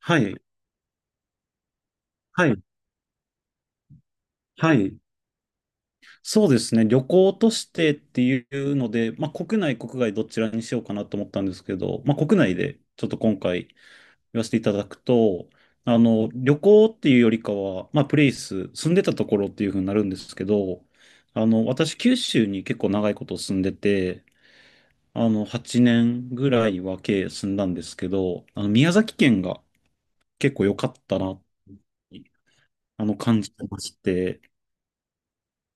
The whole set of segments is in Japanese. はい、はい、はい。そうですね。旅行としてっていうので、まあ、国内、国外どちらにしようかなと思ったんですけど、まあ、国内でちょっと今回言わせていただくと、旅行っていうよりかは、まあ、プレイス、住んでたところっていうふうになるんですけど、私、九州に結構長いこと住んでて、8年ぐらいは計住んだんですけど、宮崎県が結構良かったなって、感じてまして、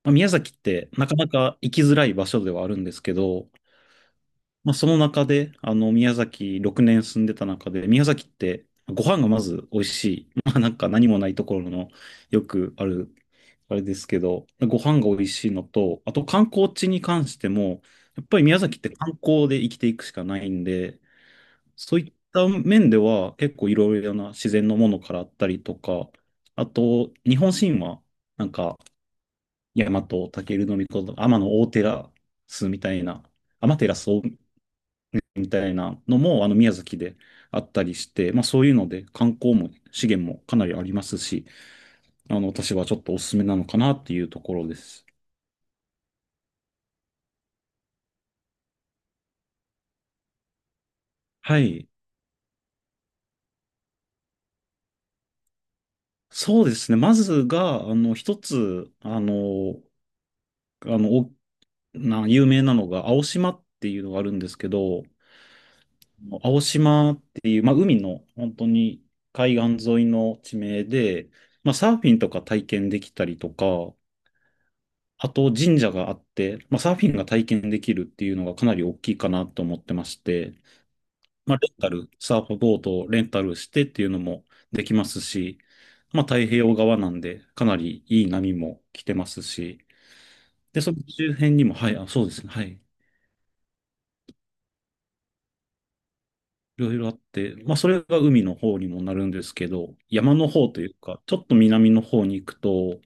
まあ、宮崎ってなかなか行きづらい場所ではあるんですけど、まあ、その中で、宮崎6年住んでた中で、宮崎ってご飯がまず美味しい。まあ、なんか何もないところのよくある、あれですけど、ご飯が美味しいのと、あと観光地に関しても、やっぱり宮崎って観光で生きていくしかないんで、そういった面では結構いろいろな自然のものからあったりとか、あと日本神話、なんか大和武尊のこと天の大照スみたいな、天照大みたいなのも、宮崎であったりして、まあ、そういうので、観光も、資源もかなりありますし、私はちょっとおすすめなのかなっていうところです。はい。そうですね。まずが、一つ、あの、お有名なのが、青島っていうのがあるんですけど、青島っていう、まあ、海の本当に海岸沿いの地名で、まあ、サーフィンとか体験できたりとか、あと神社があって、まあ、サーフィンが体験できるっていうのがかなり大きいかなと思ってまして、まあ、レンタル、サーフボードをレンタルしてっていうのもできますし、まあ、太平洋側なんでかなりいい波も来てますし、で、その周辺にも、はい、あ、そうですね、はい。いろいろあって、まあ、それが海の方にもなるんですけど、山の方というか、ちょっと南の方に行くと、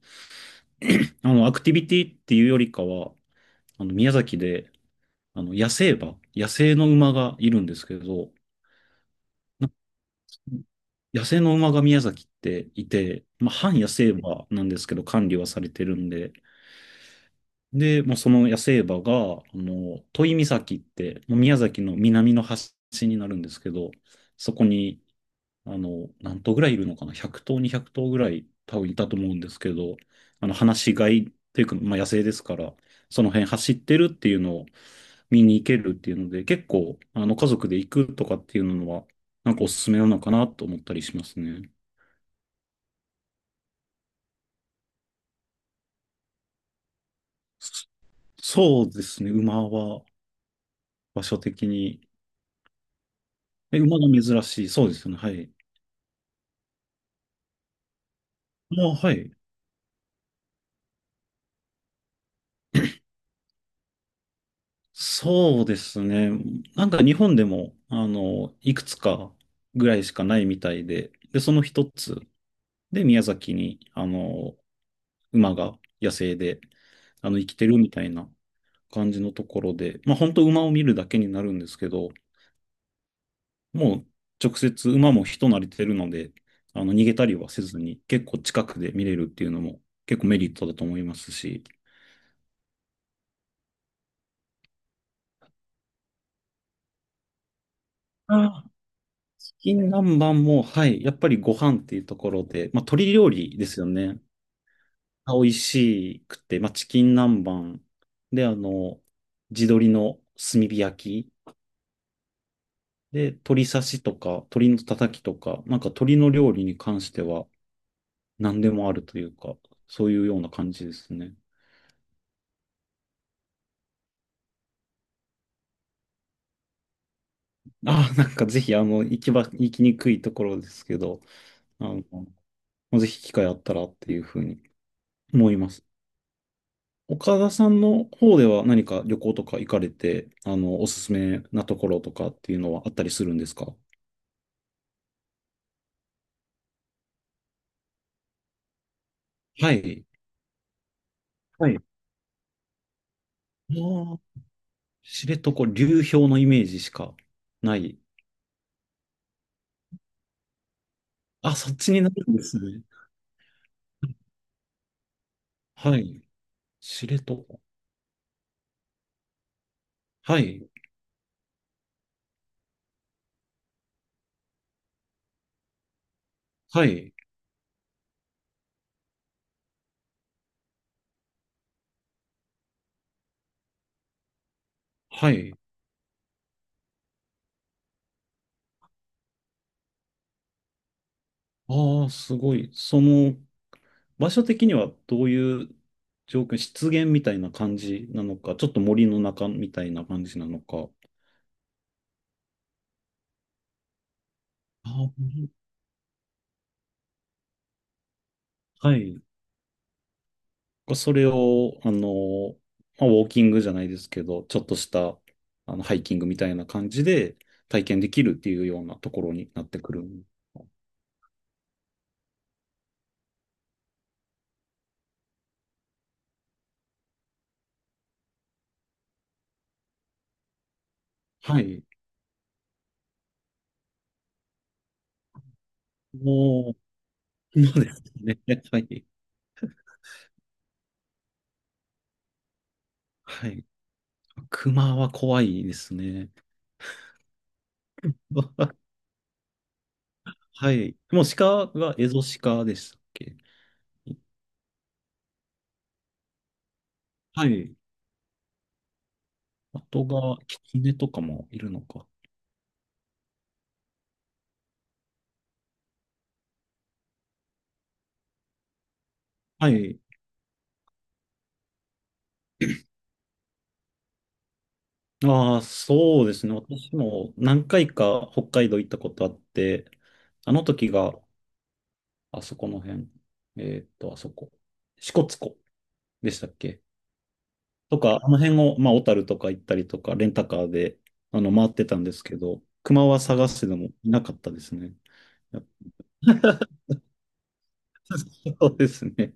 アクティビティっていうよりかは、宮崎で、野生馬、野生の馬がいるんですけど、野生の馬が宮崎っていて、まあ、半野生馬なんですけど、管理はされてるんで、で、もうその野生馬が、都井岬って、もう宮崎の南の端になるんですけど、そこに何頭ぐらいいるのかな？ 100 頭、200頭ぐらい多分いたと思うんですけど、放し飼いっていうか、まあ、野生ですから、その辺走ってるっていうのを見に行けるっていうので、結構、家族で行くとかっていうのは、なんかおすすめなのかなと思ったりしますね。そそうですね、馬は場所的に。え、馬が珍しい。そうですよね、はい。まあ、はい。そうですね。なんか日本でも、いくつかぐらいしかないみたいで、で、その一つで宮崎に、馬が野生で、生きてるみたいな感じのところで、まあ本当馬を見るだけになるんですけど、もう直接馬も人慣れてるので、逃げたりはせずに結構近くで見れるっていうのも結構メリットだと思いますし、あ金南蛮も、はい、やっぱりご飯っていうところで、まあ、鶏料理ですよね。が美味しくて、まあ、チキン南蛮で、地鶏の炭火焼きで、鶏刺しとか、鶏のたたきとか、なんか鶏の料理に関しては何でもあるというか、そういうような感じですね。ああ、なんかぜひ、行きにくいところですけど、あの、ぜひ機会あったらっていうふうに思います。岡田さんの方では何か旅行とか行かれて、おすすめなところとかっていうのはあったりするんですか？はい。はい。ああ、知床、流氷のイメージしかない。あ、そっちになるんですね。はい。知床。はい。はい。はい。ああ、すごい。その、場所的にはどういう状況、湿原みたいな感じなのか、ちょっと森の中みたいな感じなのか。ああ、はい。それを、まあ、ウォーキングじゃないですけど、ちょっとした、ハイキングみたいな感じで体験できるっていうようなところになってくる。はい。もう、そうですね。はい。はい。熊は怖いですね。はい。もう鹿がエゾシカでしたっけ？はい。あとが、キツネとかもいるのか。はい。ああ、そうですね。私も何回か北海道行ったことあって、あの時が、あそこの辺、あそこ、支笏湖でしたっけとか、あの辺を、まあ、小樽とか行ったりとか、レンタカーで、回ってたんですけど、熊は探してでもいなかったですね。やっぱそうですね。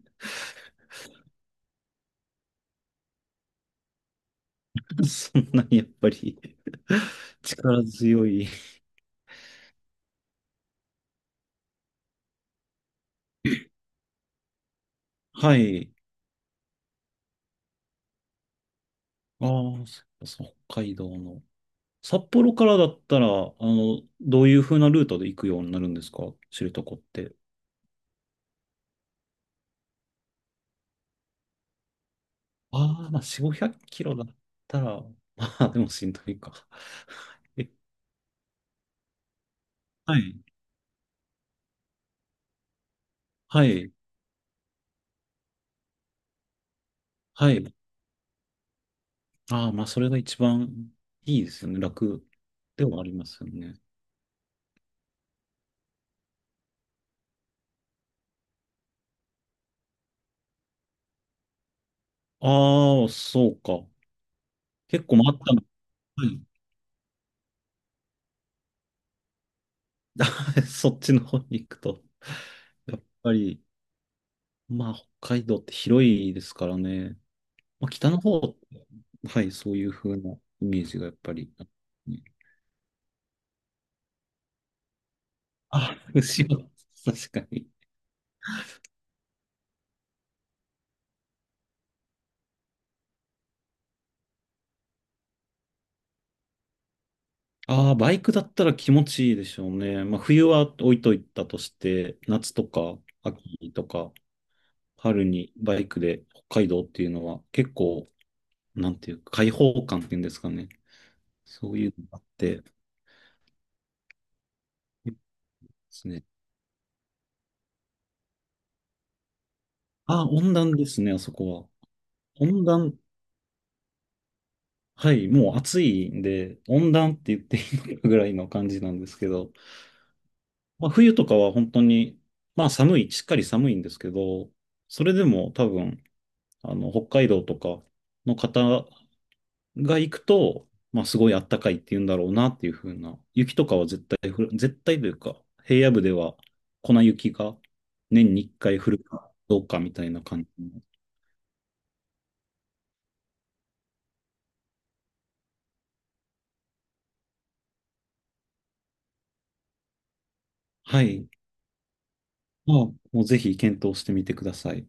そんなにやっぱり 力強い。はい。ああ、そうそう北海道の。札幌からだったら、どういう風なルートで行くようになるんですか知床って？ああ、まあ、4、500キロだったら、まあ、でもしんどいか。え、はい、はい、はい。ああ、まあ、それが一番いいですよね。楽ではありますよね。ああ、そうか。結構回ったの。はい。そっちの方に行くと。やっぱり、まあ、北海道って広いですからね。まあ、北の方、はい、そういう風なイメージがやっぱり。ねあ、後ろ、確かに。ああ、バイクだったら気持ちいいでしょうね。まあ、冬は置いといたとして、夏とか秋とか春にバイクで北海道っていうのは結構、なんていうか、開放感っていうんですかね。そういうのがあって、いいですね。ああ、温暖ですね、あそこは。温暖、はい、もう暑いんで、温暖って言っていいのかぐらいの感じなんですけど、まあ、冬とかは本当に、まあ寒い、しっかり寒いんですけど、それでも多分、北海道とかの方が行くと、まあすごい暖かいって言うんだろうなっていう風な、雪とかは絶対降る、絶対というか、平野部では粉雪が年に1回降るかどうかみたいな感じの。はい。まあ、もうぜひ検討してみてください。